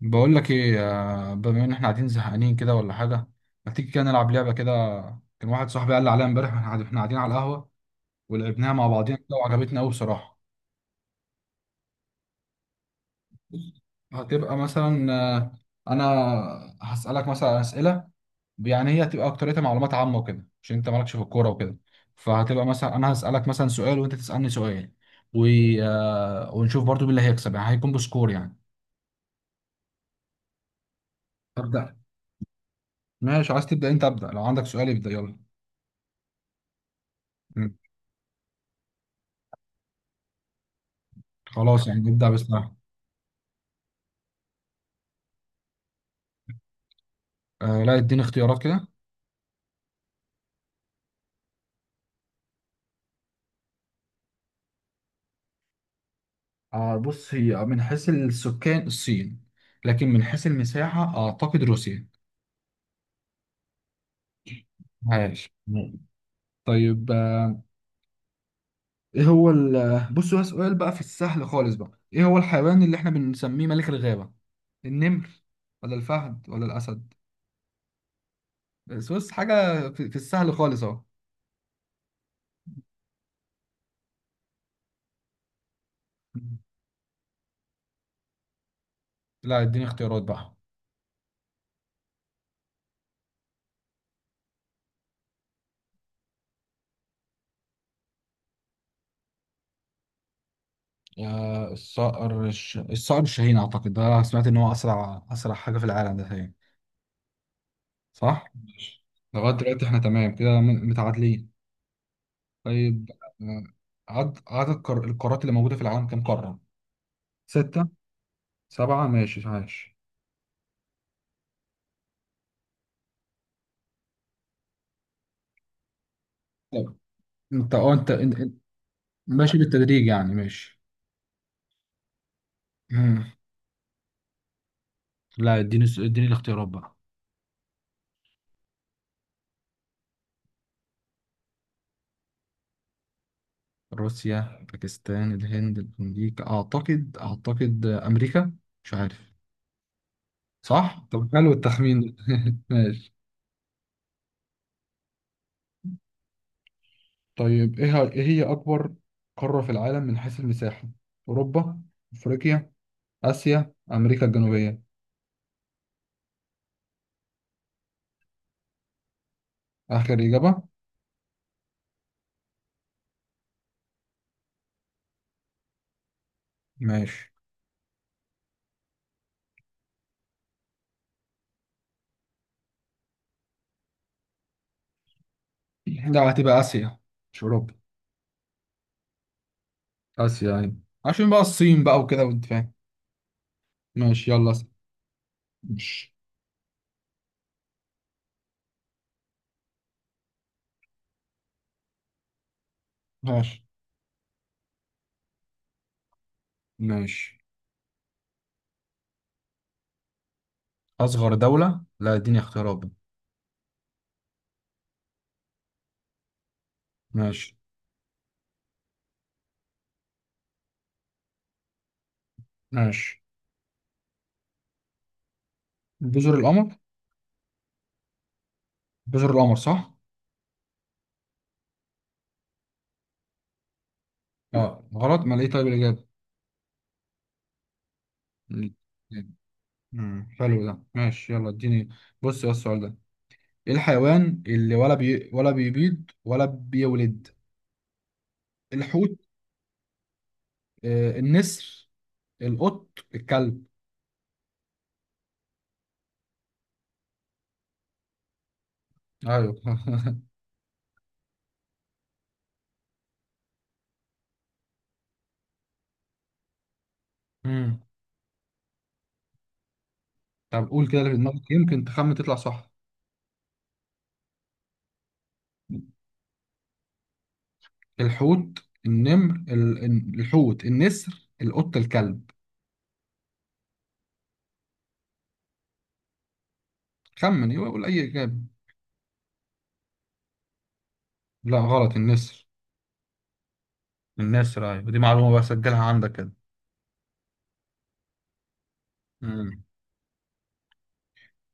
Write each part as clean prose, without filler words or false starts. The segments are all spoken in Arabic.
بقول لك ايه. بما ان احنا قاعدين زهقانين كده ولا حاجه. ما تيجي كده نلعب لعبه كده. كان واحد صاحبي قال لي عليها امبارح إحنا قاعدين على القهوه. ولعبناها مع بعضينا كده وعجبتنا قوي بصراحه. هتبقى مثلا، انا هسالك مثلا اسئله. يعني هي هتبقى اكتريتها معلومات عامه وكده، عشان انت مالكش في الكوره وكده. فهتبقى مثلا انا هسالك مثلا سؤال وانت تسالني سؤال و... ونشوف برضو مين اللي هيكسب، يعني هيكون بسكور يعني. ابدا. ماشي، عايز تبدا انت ابدا، لو عندك سؤال ابدا يلا. م. خلاص يعني ابدا بس. لا اديني اختيارات كده. بص، هي من حيث السكان الصين، لكن من حيث المساحة أعتقد روسيا. عاش. طيب، إيه هو ال آه، بص، هو سؤال بقى في السهل خالص بقى، إيه هو الحيوان اللي إحنا بنسميه ملك الغابة؟ النمر ولا الفهد ولا الأسد؟ بس بص، حاجة في السهل خالص أهو. لا اديني اختيارات بقى. الصقر الشاهين، اعتقد ده سمعت ان هو اسرع حاجه في العالم ده تقريبا. صح. لغاية دلوقتي احنا تمام كده، متعادلين. طيب، آه، عدد القارات اللي موجودة في العالم كام قارة؟ ستة. سبعة، ماشي عايش. طب انت اه، انت ماشي بالتدريج يعني، ماشي. مم. لا اديني الاختيارات بقى. روسيا باكستان الهند امريكا، اعتقد امريكا. مش عارف. صح؟ طب حلو التخمين ده. ماشي. طيب، ايه ايه هي أكبر قارة في العالم من حيث المساحة؟ أوروبا؟ أفريقيا؟ آسيا؟ أمريكا الجنوبية؟ آخر إجابة. ماشي. لا، هتبقى آسيا، مش أوروبا. آسيا أيوة، عشان بقى الصين بقى وكده وأنت فاهم. ماشي، يلا اسأل. ماشي. ماشي. ماشي، أصغر دولة، لا اديني اختيارات بقى. ماشي. ماشي. جزر القمر. جزر القمر صح؟ اه، غلط، ما ليه طيب الإجابة؟ مم. حلو ده، ماشي يلا اديني. بص يا السؤال ده، ايه الحيوان اللي ولا بيبيض ولا بيولد؟ الحوت؟ آه النسر؟ القط؟ الكلب؟ ايوه. امم. طب قول كده اللي في دماغك، يمكن تخمن تطلع صح. الحوت، الحوت، النسر، القط، الكلب. خمن، يبقى قول اي اجابه. لا غلط، النسر. النسر. ايوه، دي معلومة بقى سجلها عندك كده. امم.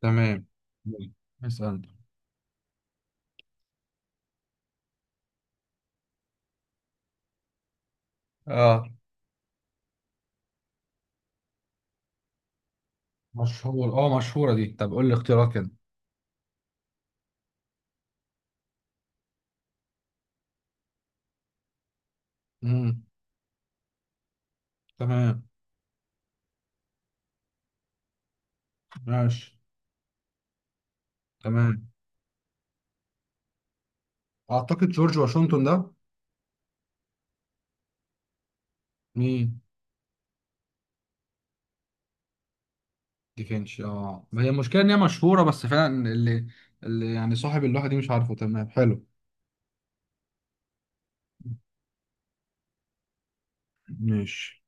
تمام. مم. اسأل. اه مشهور، مشهوره دي. طب قول لي اختيارات كده. امم. تمام. ماشي. تمام. اعتقد جورج واشنطن ده. مين؟ ديفينش، ما هي المشكله ان هي مشهوره، بس فعلا اللي يعني صاحب اللوحه دي مش عارفه. تمام حلو. ماشي.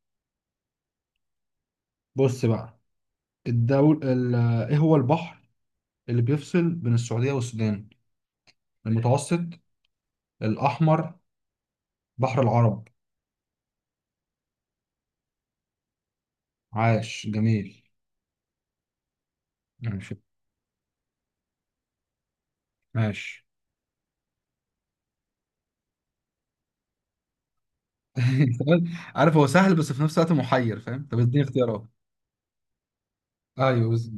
بص بقى، الدول ال... ايه هو البحر اللي بيفصل بين السعوديه والسودان؟ المتوسط؟ الاحمر؟ بحر العرب؟ عاش جميل. ماشي. ماشي. سؤال- عارف هو سهل، بس في نفس الوقت محير، فاهم؟ طب اديني اختيارات. ايوه بس-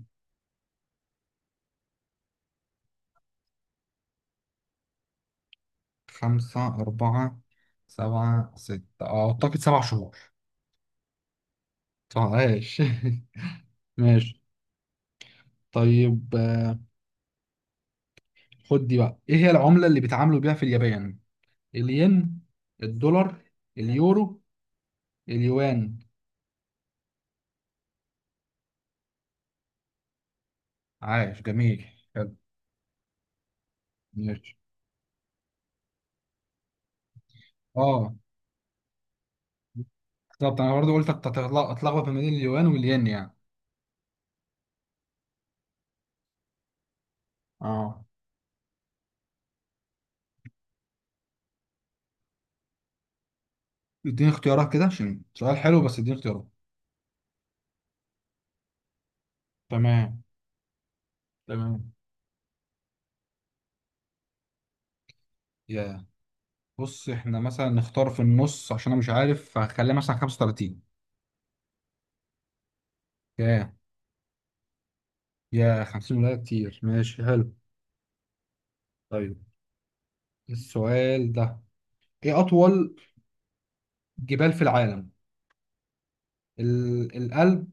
خمسة؟ أربعة؟ سبعة؟ ستة؟ أعتقد سبع شهور. عاش. ماشي. طيب، خد دي بقى، ايه هي العملة اللي بيتعاملوا بيها في اليابان؟ الين؟ الدولار؟ اليورو؟ اليوان؟ عاش جميل، حلو. ماشي. اه بالظبط، انا برضو قلت اتلخبط ما بين اليوان والين يعني. اه، اديني اختيارات كده، عشان سؤال حلو، بس اديني اختيارات. تمام. تمام. يا، بص احنا مثلا نختار في النص، عشان انا مش عارف، فهخليها مثلا 35. يا يا 50؟ ولا كتير؟ ماشي حلو. طيب السؤال ده، ايه اطول جبال في العالم؟ القلب؟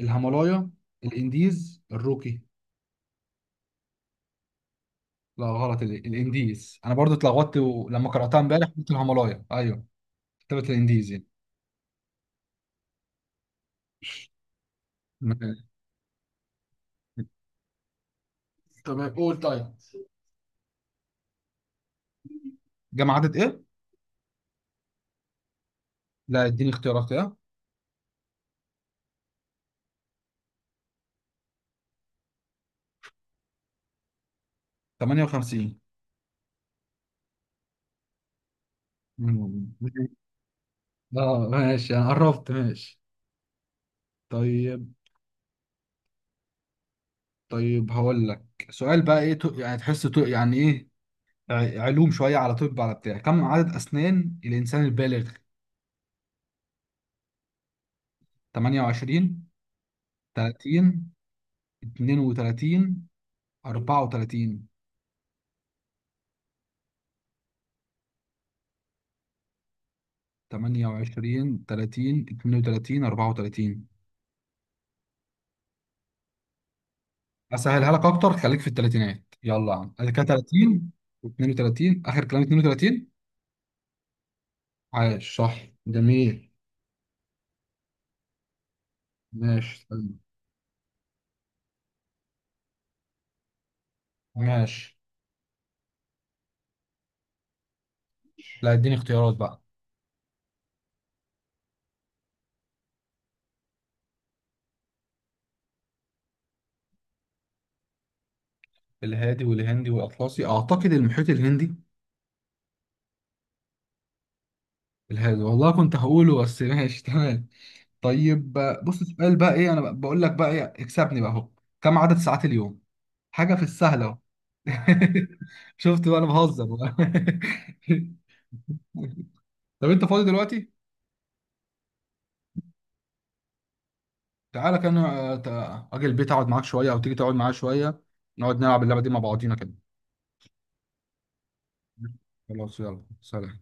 الهيمالايا؟ الانديز؟ الروكي؟ لا غلط، الانديز، انا برضو اتلخبطت لما قراتها امبارح قلت الهيمالايا ايوه، كتبت الانديز يعني. مكان. تمام، قول طيب. جمع عدد ايه؟ لا اديني اختيارات كده. 58. مم. اه ماشي، انا قربت. ماشي. طيب. طيب هقول لك سؤال بقى، ايه يعني تحسه يعني ايه، علوم شويه، على طب، على بتاع كم عدد اسنان الانسان البالغ؟ 28؟ 30؟ 32؟ 34؟ 28 30 32 34. اسهلها لك اكتر، خليك في الثلاثينات، يلا يا عم ادي كده، 30. و32. اخر كلام 32. عاش صح. جميل. ماشي. استنى. ماشي. لا اديني اختيارات بقى. الهادي والهندي والاطلسي، اعتقد المحيط الهندي. الهادي! والله كنت هقوله، بس ماشي تمام. طيب. بص السؤال بقى، ايه انا بقول لك بقى، ايه اكسبني بقى اهو، كم عدد ساعات اليوم؟ حاجة في السهل أهو. شفت بقى، أنا بهزر بقى. طب أنت فاضي دلوقتي؟ تعالى كان آه، تع- أجي البيت أقعد معاك شوية، أو تيجي تقعد معايا شوية، نقعد نلعب اللعبة دي مع بعضينا كده. خلاص يلا، سلام.